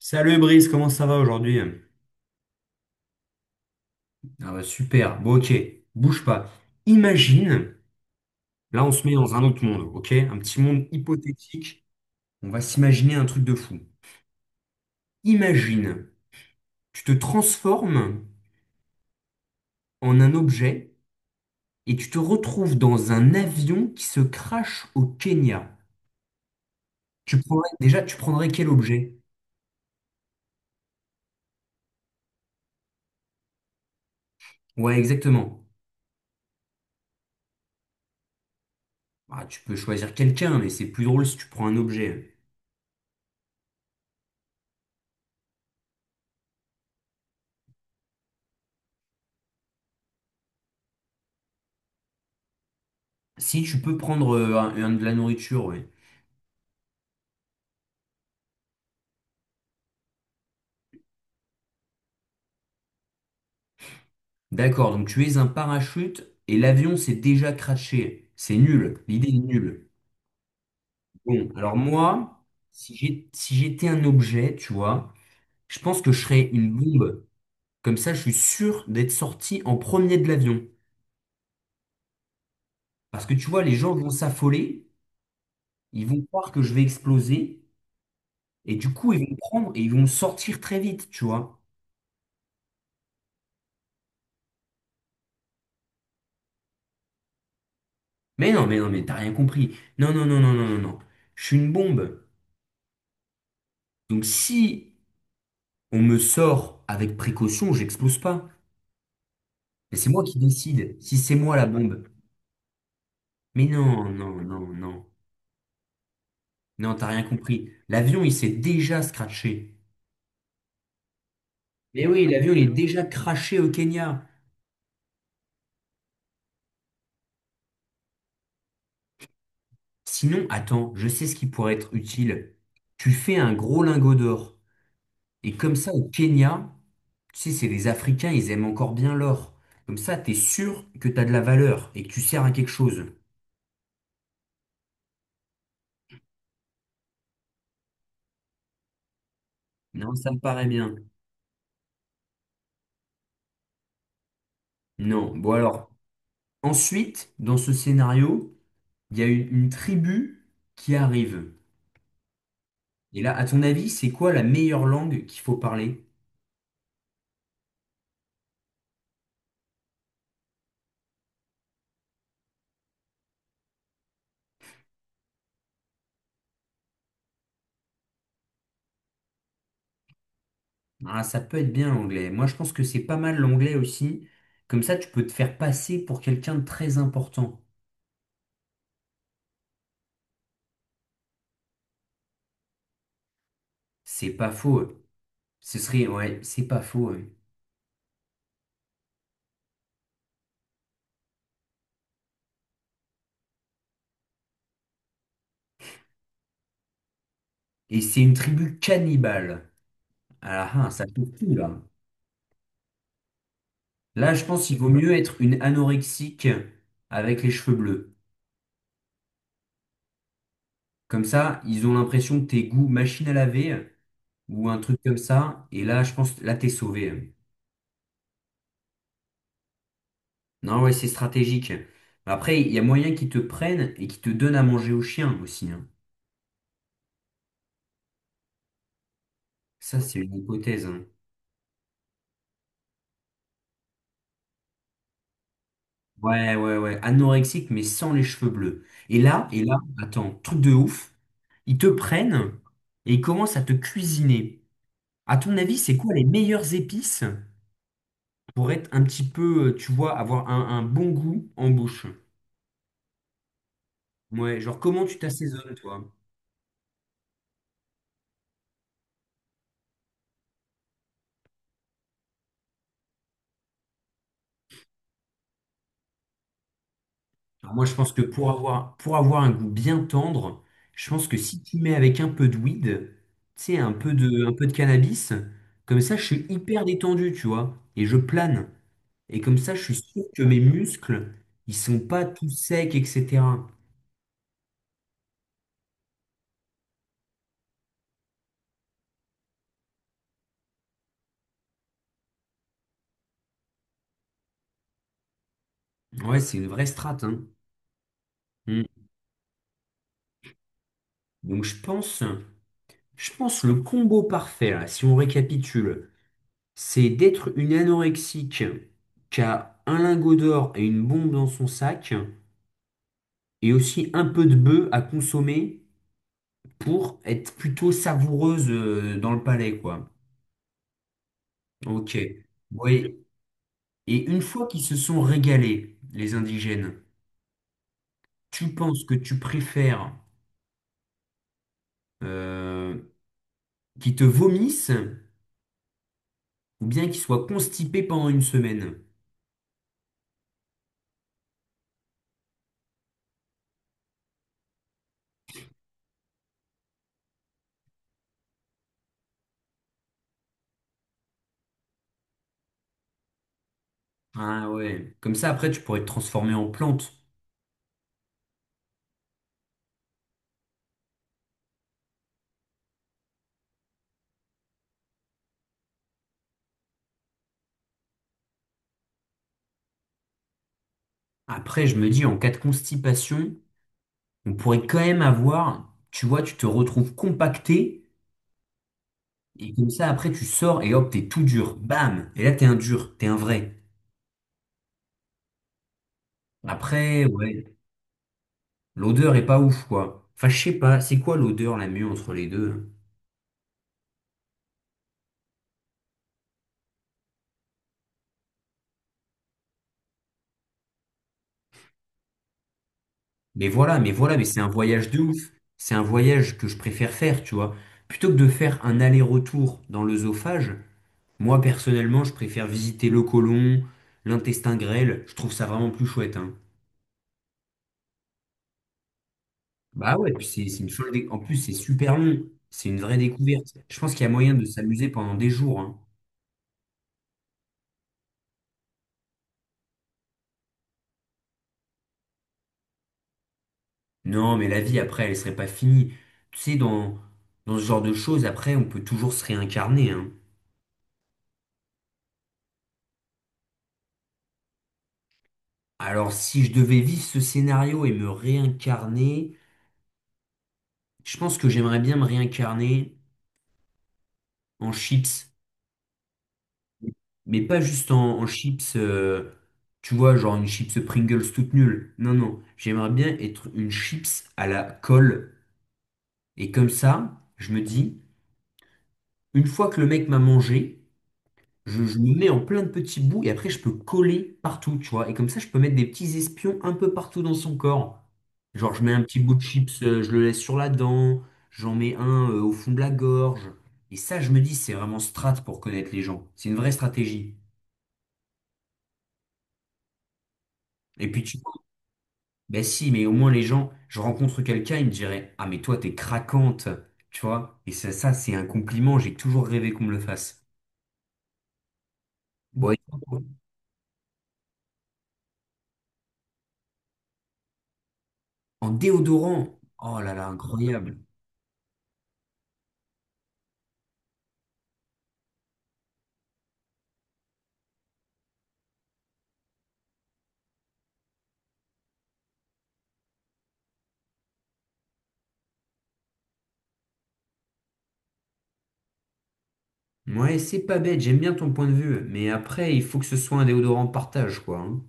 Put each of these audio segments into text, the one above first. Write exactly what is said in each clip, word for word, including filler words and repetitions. Salut Brice, comment ça va aujourd'hui? Ah bah super, bon ok, bouge pas. Imagine, là on se met dans un autre monde, ok? Un petit monde hypothétique, on va s'imaginer un truc de fou. Imagine, tu te transformes en un objet et tu te retrouves dans un avion qui se crache au Kenya. Tu prendrais, déjà, tu prendrais quel objet? Ouais, exactement. Ah, tu peux choisir quelqu'un, mais c'est plus drôle si tu prends un objet. Si tu peux prendre euh, un- un de la nourriture, ouais. D'accord, donc tu es un parachute et l'avion s'est déjà craché. C'est nul, l'idée est nulle. Bon, alors moi, si j'ai- si j'étais un objet, tu vois, je pense que je serais une bombe. Comme ça, je suis sûr d'être sorti en premier de l'avion. Parce que tu vois, les gens vont s'affoler, ils vont croire que je vais exploser, et du coup, ils vont me prendre et ils vont me sortir très vite, tu vois. Mais non, mais non, mais t'as rien compris. Non, non, non, non, non, non, non. Je suis une bombe. Donc si on me sort avec précaution, j'explose pas. Mais c'est moi qui décide si c'est moi la bombe. Mais non, non, non, non. Non, t'as rien compris. L'avion, il s'est déjà scratché. Mais oui, l'avion, il est déjà craché au Kenya. Sinon, attends, je sais ce qui pourrait être utile. Tu fais un gros lingot d'or. Et comme ça, au Kenya, tu sais, c'est les Africains, ils aiment encore bien l'or. Comme ça, t'es sûr que t'as de la valeur et que tu sers à quelque chose. Non, ça me paraît bien. Non. Bon alors, ensuite, dans ce scénario, il y a une, une tribu qui arrive. Et là, à ton avis, c'est quoi la meilleure langue qu'il faut parler? Ah, ça peut être bien l'anglais. Moi, je pense que c'est pas mal l'anglais aussi. Comme ça, tu peux te faire passer pour quelqu'un de très important. C'est pas faux. euh. Ce serait, ouais, c'est pas faux. euh. Et c'est une tribu cannibale. Ah, ah, ah, ça peut tout, là. Là, je pense qu'il vaut mieux être une anorexique avec les cheveux bleus. Comme ça, ils ont l'impression que t'es goût machine à laver ou un truc comme ça. Et là, je pense, là, t'es sauvé. Non, ouais, c'est stratégique. Après, il y a moyen qu'ils te prennent et qu'ils te donnent à manger au chien aussi, hein. Ça, c'est une hypothèse, hein. Ouais, ouais, ouais. Anorexique, mais sans les cheveux bleus. Et là, et là, attends, truc de ouf. Ils te prennent et ils commencent à te cuisiner. À ton avis, c'est quoi les meilleures épices pour être un petit peu, euh, tu vois, avoir un, un bon goût en bouche? Ouais, genre comment tu t'assaisonnes, toi? Alors moi, je pense que pour avoir, pour avoir un goût bien tendre, je pense que si tu mets avec un peu de weed, tu sais, un peu de, un peu de cannabis, comme ça, je suis hyper détendu, tu vois, et je plane. Et comme ça, je suis sûr que mes muscles, ils sont pas tout secs, et cetera. Ouais, c'est une vraie strat, hein. Mm. Donc je pense, je pense le combo parfait, là, si on récapitule, c'est d'être une anorexique qui a un lingot d'or et une bombe dans son sac, et aussi un peu de bœuf à consommer pour être plutôt savoureuse euh, dans le palais, quoi. Ok. Oui. Et une fois qu'ils se sont régalés, les indigènes, tu penses que tu préfères euh, qu'ils te vomissent ou bien qu'ils soient constipés pendant une semaine? Ah ouais. Comme ça, après, tu pourrais te transformer en plante. Après, je me dis, en cas de constipation, on pourrait quand même avoir, tu vois, tu te retrouves compacté. Et comme ça, après, tu sors et hop, t'es tout dur. Bam! Et là, t'es un dur, t'es un vrai. Ouais. Après, ouais, l'odeur est pas ouf, quoi. Enfin, je sais pas, c'est quoi l'odeur la mieux entre les deux, hein? Mais voilà, mais voilà, mais c'est un voyage de ouf. C'est un voyage que je préfère faire, tu vois. Plutôt que de faire un aller-retour dans l'œsophage, moi, personnellement, je préfère visiter le côlon, l'intestin grêle. Je trouve ça vraiment plus chouette, hein. Bah ouais, puis c'est c'est une folle dé- En plus, c'est super long. C'est une vraie découverte. Je pense qu'il y a moyen de s'amuser pendant des jours, hein. Non, mais la vie après, elle serait pas finie. Tu sais, dans, dans ce genre de choses, après, on peut toujours se réincarner, hein. Alors, si je devais vivre ce scénario et me réincarner, je pense que j'aimerais bien me réincarner en chips. Mais pas juste en, en chips, euh, tu vois, genre une chips Pringles toute nulle. Non, non, j'aimerais bien être une chips à la colle. Et comme ça, je me dis, une fois que le mec m'a mangé, Je, je me mets en plein de petits bouts et après je peux coller partout, tu vois. Et comme ça, je peux mettre des petits espions un peu partout dans son corps. Genre, je mets un petit bout de chips, euh, je le laisse sur la dent, j'en mets un euh, au fond de la gorge. Et ça, je me dis, c'est vraiment strat pour connaître les gens. C'est une vraie stratégie. Et puis tu vois, bah si, mais au moins les gens, je rencontre quelqu'un, il me dirait, ah mais toi, t'es craquante, tu vois. Et ça, ça c'est un compliment, j'ai toujours rêvé qu'on me le fasse. Bon, et- En déodorant, oh là là, incroyable. Ouais, c'est pas bête, j'aime bien ton point de vue, mais après, il faut que ce soit un déodorant de partage, quoi, hein.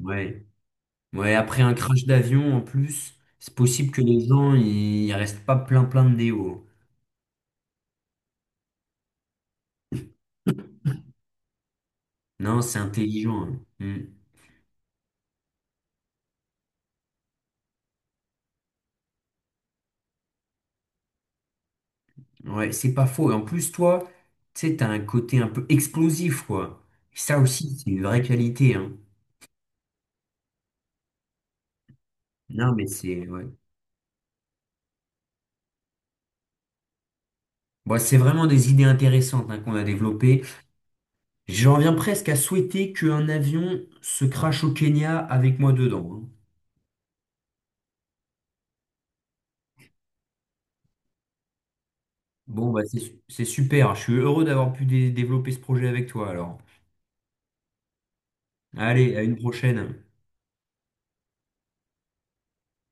Ouais. Ouais, après un crash d'avion, en plus, c'est possible que les gens, ils restent pas plein plein de déo. Non, c'est intelligent, hein. Hmm. Ouais, c'est pas faux. Et en plus, toi, tu sais, t'as un côté un peu explosif, quoi. Ça aussi, c'est une vraie qualité, hein. Non, mais c'est... Ouais. Bon, c'est vraiment des idées intéressantes, hein, qu'on a développées. J'en viens presque à souhaiter qu'un avion se crache au Kenya avec moi dedans, hein. Bon, bah c'est su- c'est super. Je suis heureux d'avoir pu dé- développer ce projet avec toi alors. Allez, à une prochaine.